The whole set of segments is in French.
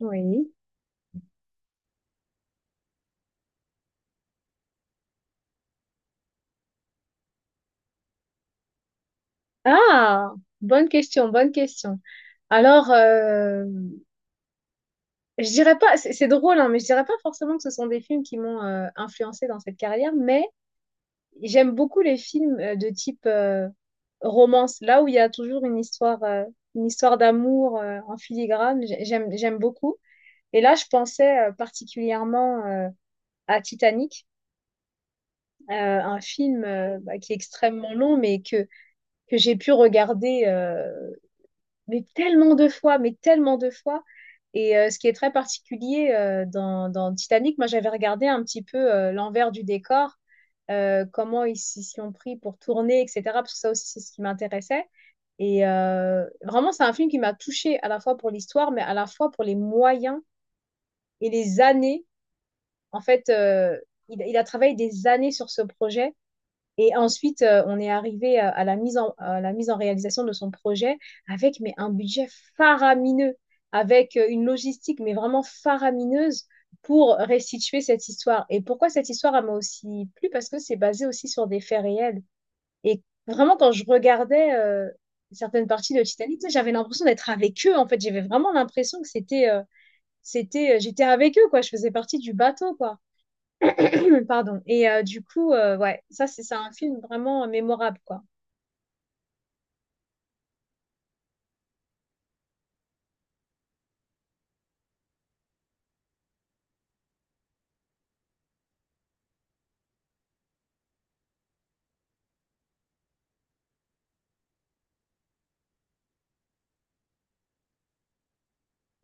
Oui. Ah, bonne question, bonne question. Alors, je dirais pas, c'est drôle, hein, mais je dirais pas forcément que ce sont des films qui m'ont influencé dans cette carrière, mais j'aime beaucoup les films de type romance, là où il y a toujours une histoire d'amour en filigrane. J'aime beaucoup. Et là, je pensais particulièrement à Titanic, un film bah, qui est extrêmement long, mais que j'ai pu regarder. Mais tellement de fois, mais tellement de fois. Et ce qui est très particulier dans, dans Titanic, moi j'avais regardé un petit peu l'envers du décor, comment ils s'y sont pris pour tourner, etc. Parce que ça aussi c'est ce qui m'intéressait. Et vraiment c'est un film qui m'a touchée à la fois pour l'histoire, mais à la fois pour les moyens et les années. En fait, il a travaillé des années sur ce projet et ensuite, on est arrivé à la mise en, à la mise en réalisation de son projet avec mais un budget faramineux, avec une logistique mais vraiment faramineuse pour restituer cette histoire. Et pourquoi cette histoire elle m'a aussi plu? Parce que c'est basé aussi sur des faits réels. Et vraiment, quand je regardais certaines parties de Titanic, tu sais, j'avais l'impression d'être avec eux. En fait, j'avais vraiment l'impression que c'était c'était j'étais avec eux, quoi, je faisais partie du bateau, quoi, pardon. Et du coup, ouais, ça c'est un film vraiment mémorable, quoi.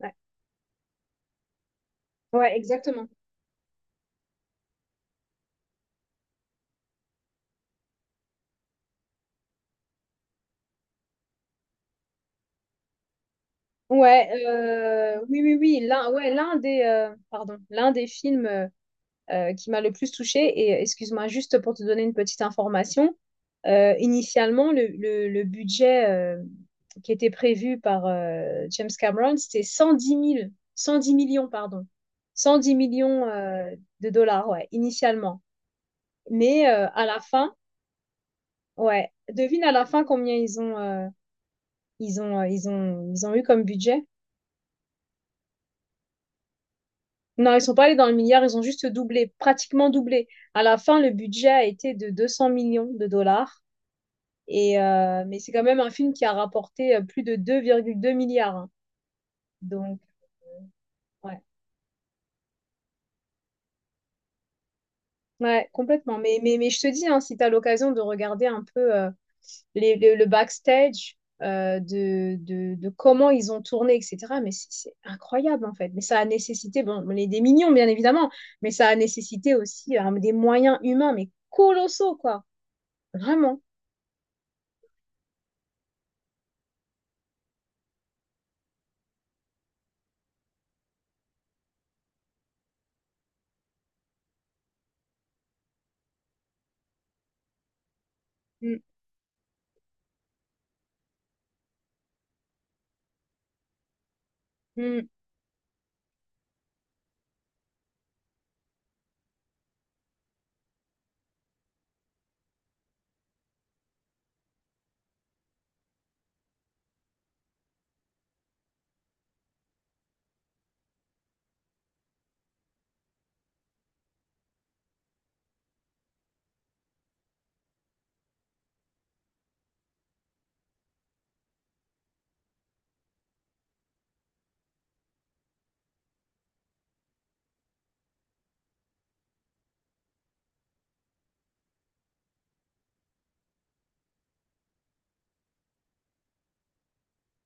Ouais, ouais, exactement. Ouais, oui, oui, oui. L'un, ouais, l'un des, pardon, l'un des films qui m'a le plus touchée. Et excuse-moi, juste pour te donner une petite information, initialement, le budget euh, qui était prévu par James Cameron, c'était 110 000 110 millions, pardon. 110 millions de dollars, ouais, initialement. Mais à la fin, ouais, devine à la fin combien ils ont, ils ont, ils ont, ils ont eu comme budget. Non, ils sont pas allés dans le milliard, ils ont juste doublé, pratiquement doublé. À la fin, le budget a été de 200 millions de dollars. Et, mais c'est quand même un film qui a rapporté plus de 2,2 milliards, hein. Donc, euh, ouais. Ouais, complètement. Mais je te dis, hein, si tu as l'occasion de regarder un peu le backstage de comment ils ont tourné, etc., mais c'est incroyable en fait. Mais ça a nécessité, bon, les, des millions bien évidemment, mais ça a nécessité aussi des moyens humains, mais colossaux, quoi. Vraiment. Mm, mm,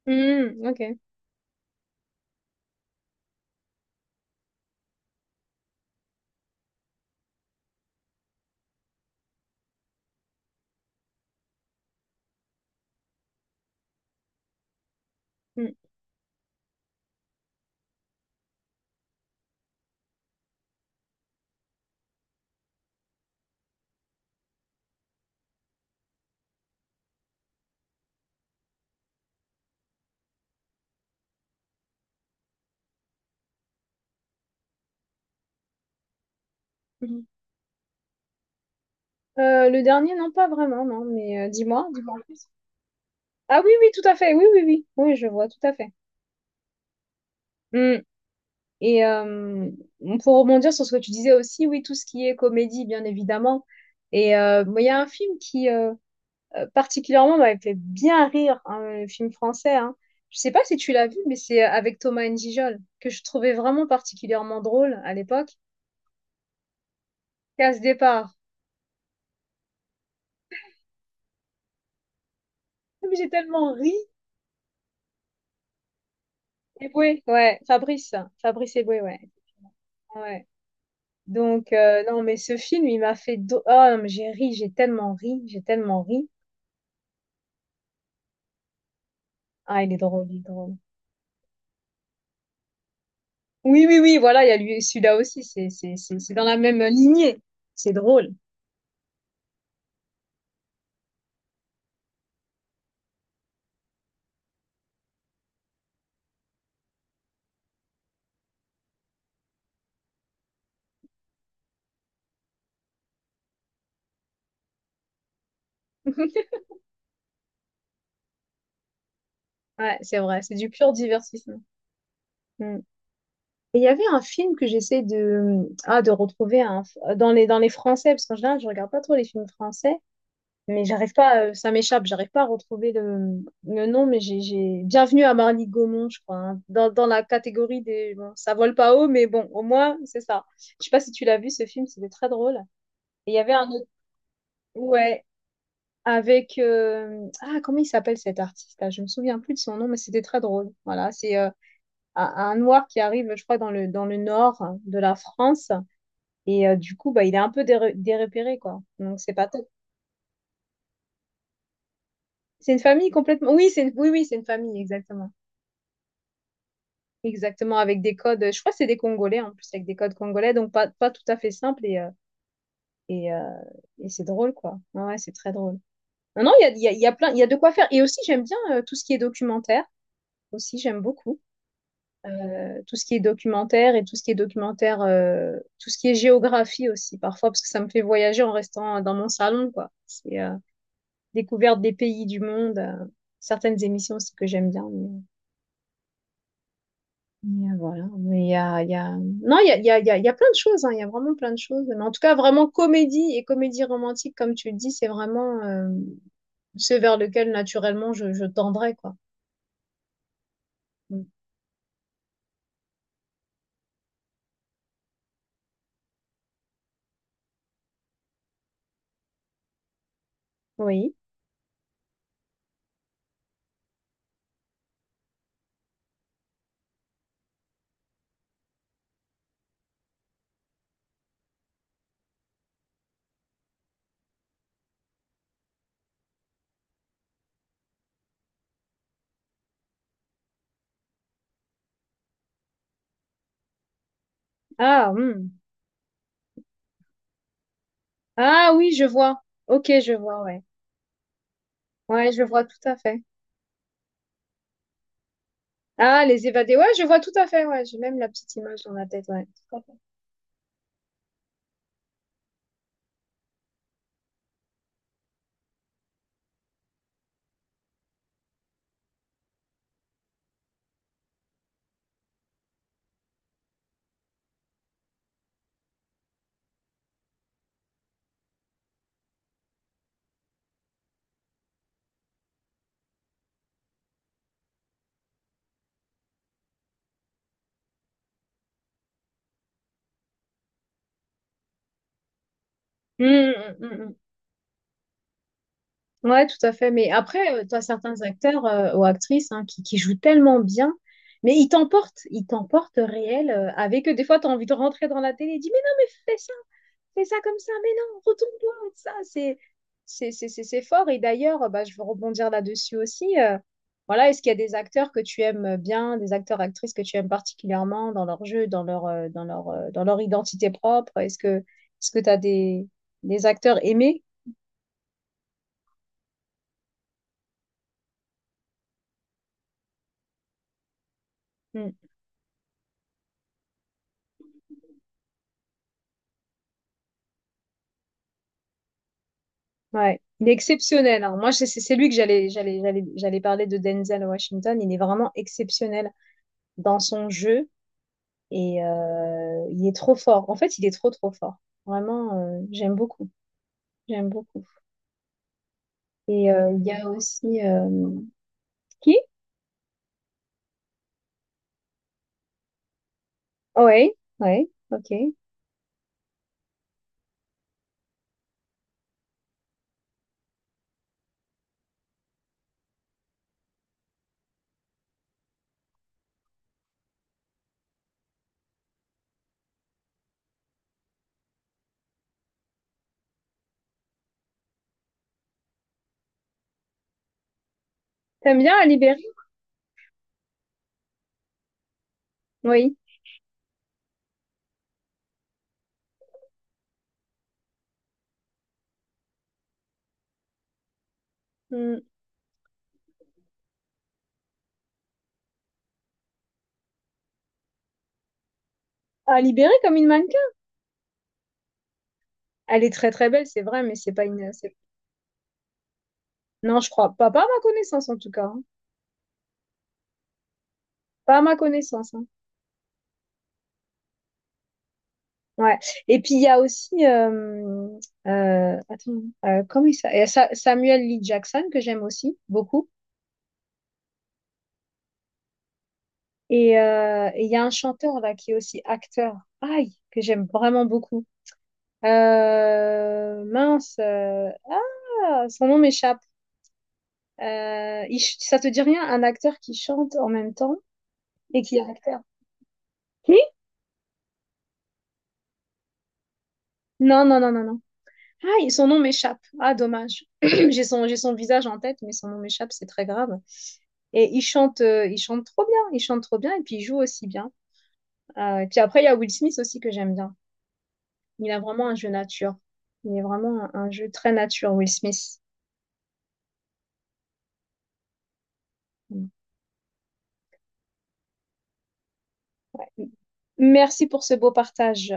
mm, ok. Mm, mm. Le dernier, non, pas vraiment, non, mais dis-moi en plus. Ah oui, oui, tout à fait, oui, oui, oui, oui, je vois, tout à fait. Mm. Et pour rebondir sur ce que tu disais aussi, oui, tout ce qui est comédie, bien évidemment. Et moi, il y a un film qui, particulièrement, m'avait fait bien rire, hein, le film français, hein. Je sais pas si tu l'as vu, mais c'est avec Thomas N'Gijol, que je trouvais vraiment particulièrement drôle à l'époque. Et à ce départ, mais j'ai tellement ri. Eboué, ouais, Fabrice Eboué, ouais. Ouais. Donc, non, mais ce film, il m'a fait. Oh, non, mais j'ai ri, j'ai tellement ri, j'ai tellement ri. Ah, il est drôle, il est drôle. Oui, oui, oui, voilà, il y a lui, celui-là aussi, c'est dans la même lignée. C'est drôle. Ouais, c'est vrai, c'est du pur divertissement. Mm. Et il y avait un film que j'essaie de, ah, de retrouver, hein, dans les français, parce qu'en général, je regarde pas trop les films français. Mais j'arrive pas, ça m'échappe, j'arrive pas à retrouver le nom, mais j'ai Bienvenue à Marly Gaumont, je crois, hein, dans la catégorie des. Bon, ça vole pas haut, mais bon, au moins, c'est ça. Je sais pas si tu l'as vu, ce film, c'était très drôle. Et il y avait un autre. Ouais, avec, ah, comment il s'appelle cet artiste-là? Je me souviens plus de son nom, mais c'était très drôle. Voilà, c'est un noir qui arrive, je crois, dans le nord de la France. Et du coup, bah, il est un peu dérépéré, quoi. Donc, c'est pas top. C'est une famille complètement. Oui, c'est une. Oui, oui, c'est une famille, exactement. Exactement, avec des codes, je crois que c'est des Congolais en plus, avec des codes congolais, donc pas tout à fait simple, et, euh, et c'est drôle, quoi. Ouais, ouais, c'est très drôle. Non, non, il y a, il y a, il y a plein, il y a de quoi faire. Et aussi, j'aime bien tout ce qui est documentaire, aussi, j'aime beaucoup. Tout ce qui est documentaire et tout ce qui est documentaire, tout ce qui est géographie aussi, parfois, parce que ça me fait voyager en restant dans mon salon, quoi. C'est découverte des pays du monde, certaines émissions aussi que j'aime bien. Mais, voilà. Non, il y a, il y a, il y a il y a plein de choses, hein. Il y a vraiment plein de choses. Mais en tout cas, vraiment comédie et comédie romantique, comme tu le dis, c'est vraiment ce vers lequel naturellement je tendrais, quoi. Mm. Oui. Ah, hmm. Ah oui, je vois. Ok, je vois, ouais. Ouais, je vois tout à fait. Ah, les évadés. Ouais, je vois tout à fait, ouais. J'ai même la petite image dans la tête, ouais. Tout à fait. Mm, mm, mm, mm. Ouais, tout à fait. Mais après, tu as certains acteurs ou actrices, hein, qui jouent tellement bien, mais ils t'emportent réel, avec eux. Des fois, tu as envie de rentrer dans la télé et dis, mais non, mais fais ça comme ça, mais non, retourne-toi, ça, c'est fort. Et d'ailleurs, bah, je veux rebondir là-dessus aussi. Voilà, est-ce qu'il y a des acteurs que tu aimes bien, des acteurs, actrices que tu aimes particulièrement dans leur jeu, dans leur identité propre? Est-ce que tu as des acteurs aimés? Hmm. Ouais, il est exceptionnel, hein. Moi, c'est lui que j'allais parler de Denzel Washington. Il est vraiment exceptionnel dans son jeu et il est trop fort. En fait, il est trop trop fort. Vraiment, j'aime beaucoup. J'aime beaucoup. Et il y a aussi qui? Oui, oui, ok. T'aimes bien Ali Berry? Oui. Hmm. Ali Berry comme une mannequin. Elle est très très belle, c'est vrai, mais c'est pas une. Non, je crois pas, pas à ma connaissance en tout cas, hein. Pas à ma connaissance, hein. Ouais. Et puis il y a aussi attends, comment il s'appelle? Samuel Lee Jackson, que j'aime aussi beaucoup. Et il y a un chanteur là qui est aussi acteur. Aïe, que j'aime vraiment beaucoup. Mince. Ah, son nom m'échappe. Ça te dit rien, un acteur qui chante en même temps et qui est acteur. Qui? Non, non, non, non, non. Ah, son nom m'échappe. Ah, dommage. J'ai son visage en tête, mais son nom m'échappe, c'est très grave. Et il chante trop bien, il chante trop bien et puis il joue aussi bien. Et puis après, il y a Will Smith aussi que j'aime bien. Il a vraiment un jeu nature. Il est vraiment un jeu très nature, Will Smith. Mm. Merci pour ce beau partage.